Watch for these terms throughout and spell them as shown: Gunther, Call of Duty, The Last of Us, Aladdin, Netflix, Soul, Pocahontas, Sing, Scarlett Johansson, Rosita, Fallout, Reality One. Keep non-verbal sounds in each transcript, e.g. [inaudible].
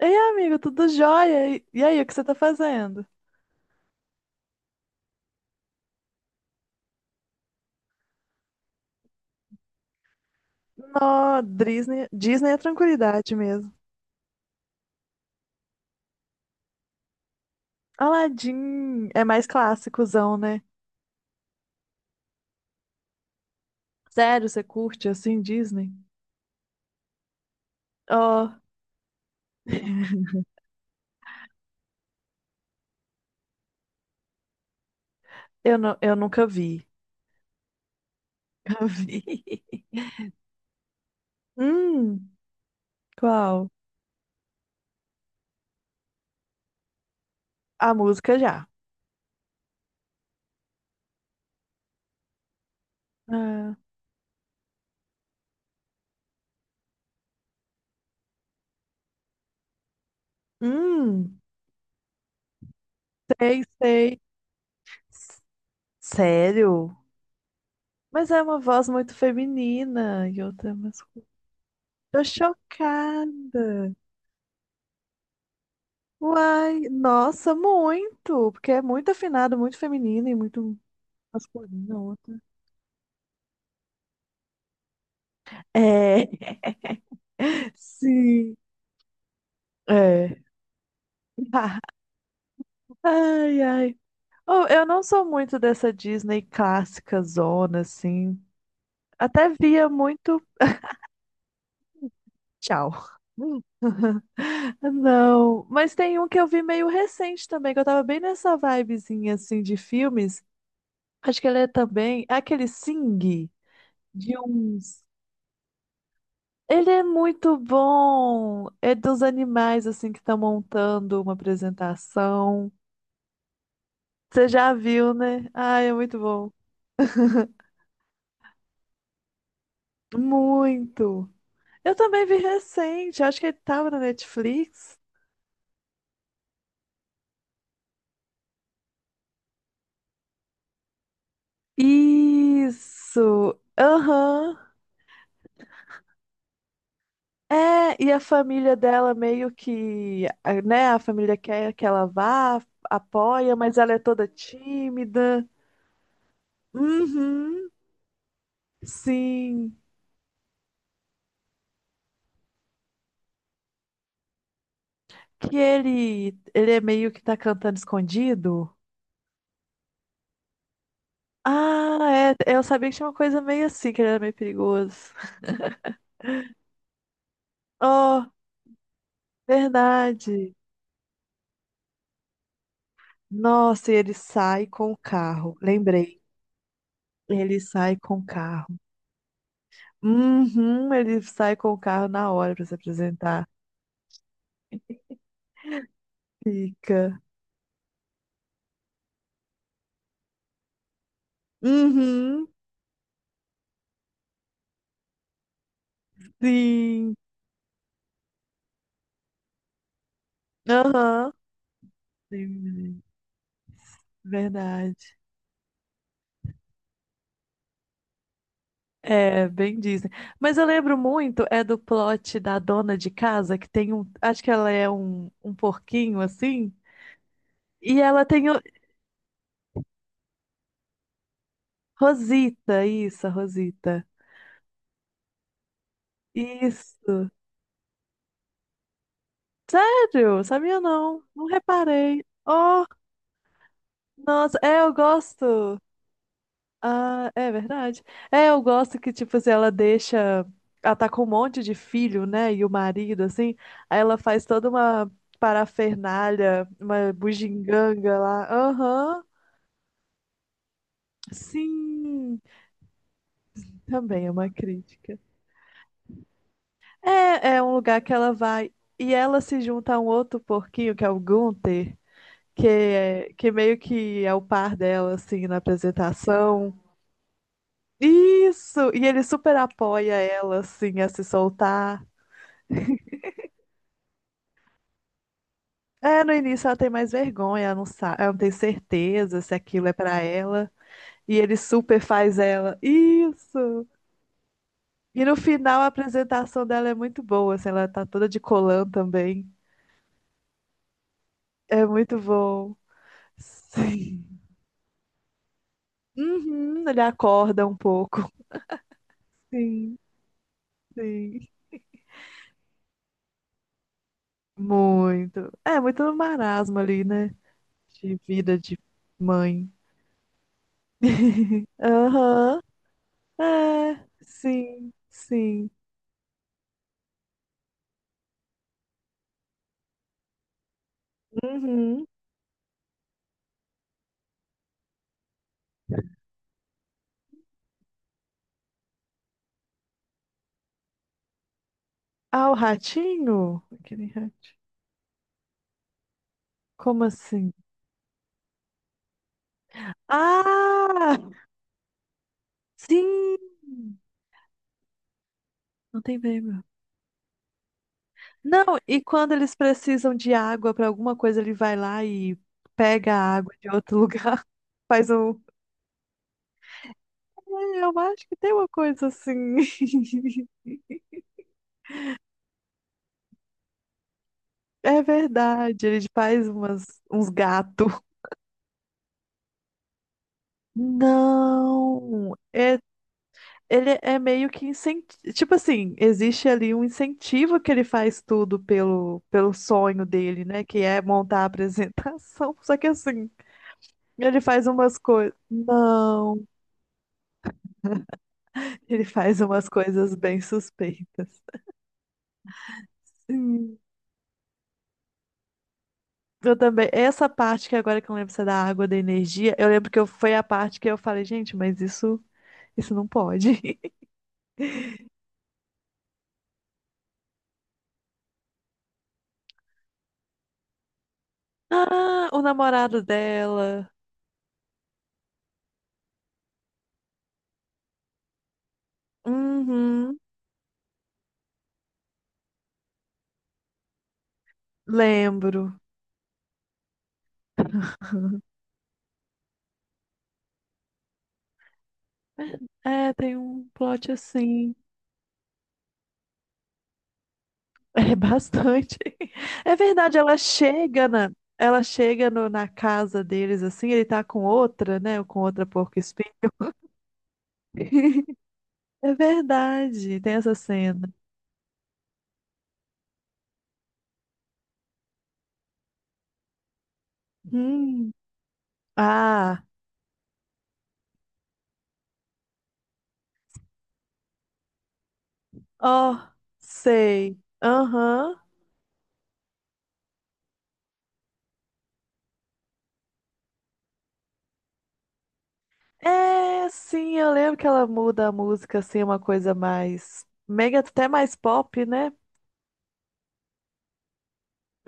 Ei, amigo, tudo jóia? E aí, o que você tá fazendo? Nó, Disney é tranquilidade mesmo. Aladdin é mais clássicozão, né? Sério, você curte assim Disney? Oh, [laughs] eu nunca vi. Nunca vi. [laughs] Hum, qual? A música já. Ah, hum, sei. S- Sério? Mas é uma voz muito feminina e outra é masculina. Tô chocada. Uai, nossa, muito! Porque é muito afinado, muito feminino e muito masculino. A outra. É, [laughs] sim, é. [laughs] Ai, ai. Oh, eu não sou muito dessa Disney clássica zona, assim. Até via muito. Tchau. Hum. [laughs] Não, mas tem um que eu vi meio recente também, que eu tava bem nessa vibezinha, assim, de filmes. Acho que ele é também. É aquele Sing, de uns. Ele é muito bom. É dos animais assim que estão montando uma apresentação. Você já viu, né? Ai, é muito bom. Muito. Eu também vi recente. Acho que ele tava na Netflix. Isso. Aham. É, e a família dela meio que, né? A família quer que ela vá, apoia, mas ela é toda tímida. Uhum. Sim. Que ele é meio que tá cantando escondido? Ah, é, eu sabia que tinha uma coisa meio assim, que ele era meio perigoso. [laughs] Oh, verdade. Nossa, e ele sai com o carro. Lembrei. Ele sai com o carro. Uhum, ele sai com o carro na hora pra se apresentar. Fica. Uhum, sim. Aham. Lembrei. Verdade. É, bem Disney. Mas eu lembro muito, é do plot da dona de casa, que tem um. Acho que ela é um porquinho assim. E ela tem o, Rosita, isso, a Rosita. Isso. Sério? Sabia não. Não reparei. Oh, nossa, é, eu gosto. Ah, é verdade. É, eu gosto que, tipo, assim, ela deixa. Ela tá com um monte de filho, né? E o marido, assim. Aí ela faz toda uma parafernália, uma bugiganga lá. Aham. Sim. Também é uma crítica. É, é um lugar que ela vai. E ela se junta a um outro porquinho, que é o Gunther, que, é, que meio que é o par dela, assim, na apresentação. Isso! E ele super apoia ela, assim, a se soltar. É, no início ela tem mais vergonha, ela não sabe, ela não tem certeza se aquilo é pra ela. E ele super faz ela. Isso! E no final a apresentação dela é muito boa, assim, ela tá toda de colã também. É muito bom. Sim. Uhum, ele acorda um pouco. Sim, sim. Muito. É, muito no marasmo ali, né? De vida de mãe. Aham. É, sim, sim. Uhum. Ah, o ratinho? Aquele ratinho. Como assim? Ah, sim! Não tem verba. Não, e quando eles precisam de água para alguma coisa, ele vai lá e pega a água de outro lugar, [laughs] faz um. É, eu acho que tem uma coisa assim. [laughs] É verdade, ele uns gatos. Não, é ele é meio que incentivo. Tipo assim, existe ali um incentivo que ele faz tudo pelo sonho dele, né? Que é montar a apresentação. [laughs] Só que assim, ele faz umas coisas. Não, ele faz umas coisas bem suspeitas. Hum. Eu também. Essa parte que agora que eu lembro se é da água, da energia, eu lembro que eu, foi a parte que eu falei, gente, mas isso não pode. [laughs] Ah, o namorado dela. Uhum, lembro. É, tem um plot assim. É bastante. [laughs] É verdade, ela chega na casa deles assim, ele tá com outra, né? Ou com outra porco-espinho. [laughs] É verdade, tem essa cena. Hum. Ah, ó, sei. Aham. É, sim, eu lembro que ela muda a música assim, uma coisa mais mega, até mais pop, né?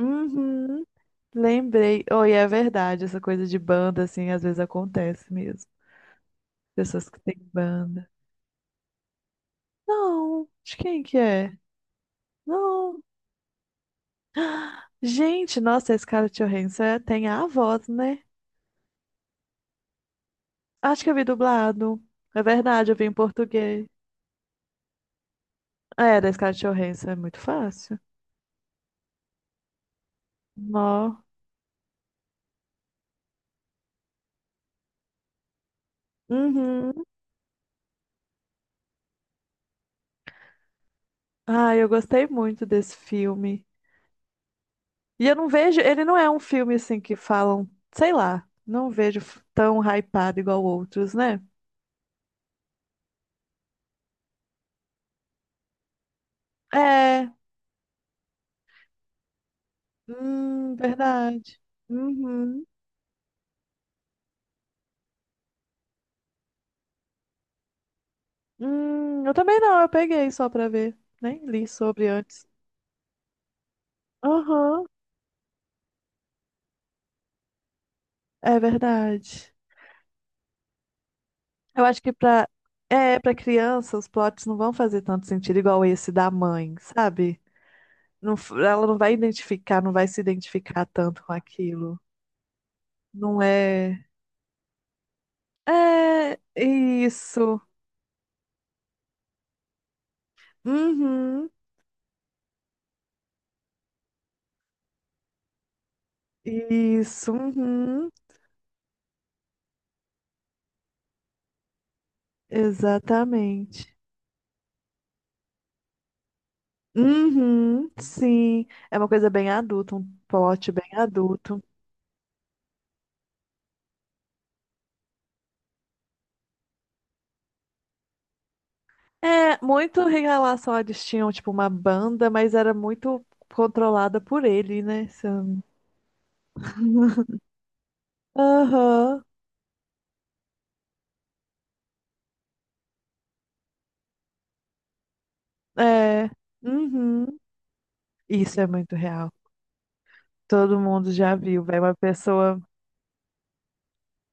Uhum. Lembrei. Oi, é verdade, essa coisa de banda, assim, às vezes acontece mesmo. Pessoas que têm banda. Não, de quem que é? Não. [gasps] Gente, nossa, esse cara Johansson tem a voz, né? Acho que eu vi dublado. É verdade, eu vi em português. É, da Scarlett Johansson é muito fácil. Nó. Uhum. Ah, eu gostei muito desse filme. E eu não vejo, ele não é um filme assim que falam, sei lá, não vejo tão hypado igual outros, né? É, hum, verdade. Uhum. Eu também não, eu peguei só pra ver. Nem li sobre antes. Aham, é verdade. Eu acho que pra, é, pra criança os plots não vão fazer tanto sentido igual esse da mãe, sabe? Não, ela não vai identificar, não vai se identificar tanto com aquilo. Não é. É isso. Uhum. Isso. Uhum. Exatamente. Uhum, sim. É uma coisa bem adulta, um plot bem adulto. É, muito em relação a eles tinham, tipo, uma banda, mas era muito controlada por ele, né? Se eu não- Aham, é. Uhum. Isso é muito real. Todo mundo já viu, velho. Uma pessoa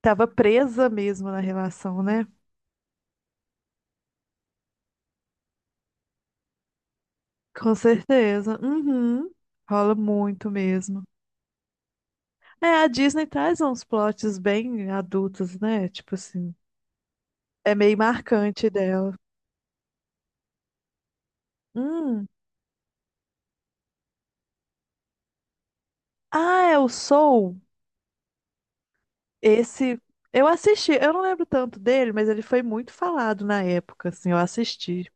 tava presa mesmo na relação, né? Com certeza. Uhum. Rola muito mesmo. É, a Disney traz uns plots bem adultos, né? Tipo assim, é meio marcante dela. Hum. Ah, é o Soul. Esse eu assisti, eu não lembro tanto dele, mas ele foi muito falado na época, assim, eu assisti.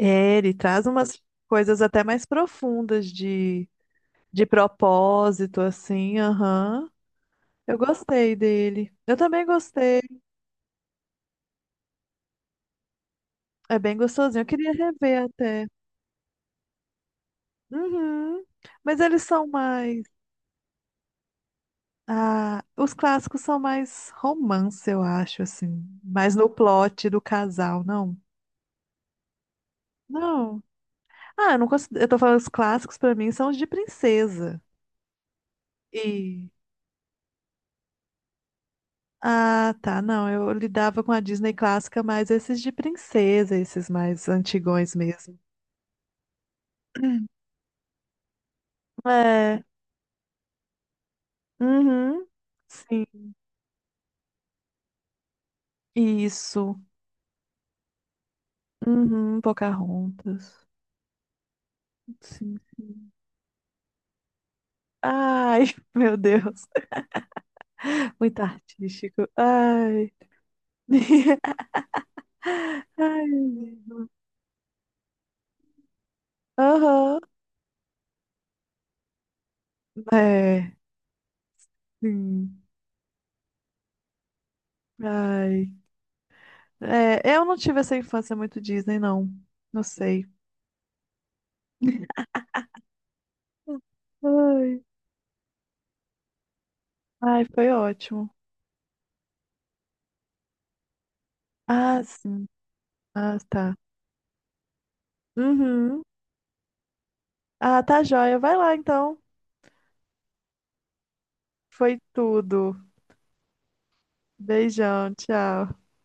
É, ele traz umas coisas até mais profundas de propósito, assim, aham. Eu gostei dele. Eu também gostei. É bem gostosinho. Eu queria rever até. Uhum. Mas eles são mais. Ah, os clássicos são mais romance, eu acho, assim. Mais no plot do casal, não? Não. Ah, eu não considero. Eu tô falando os clássicos pra mim são os de princesa. E. Ah, tá. Não, eu lidava com a Disney clássica, mas esses de princesa, esses mais antigões mesmo. [clears throat] É. Uhum. Sim. Isso. Uhum. Pocahontas. Sim, sim. Ai, [laughs] meu Deus. Muito artístico. Ai. [laughs] Ai. Aham. É. Sim. Ai. É, eu não tive essa infância muito Disney, não. Não sei. Ai, ai, foi ótimo. Ah, sim. Ah, tá. Uhum. Ah, tá joia. Vai lá então. Foi tudo. Beijão, tchau.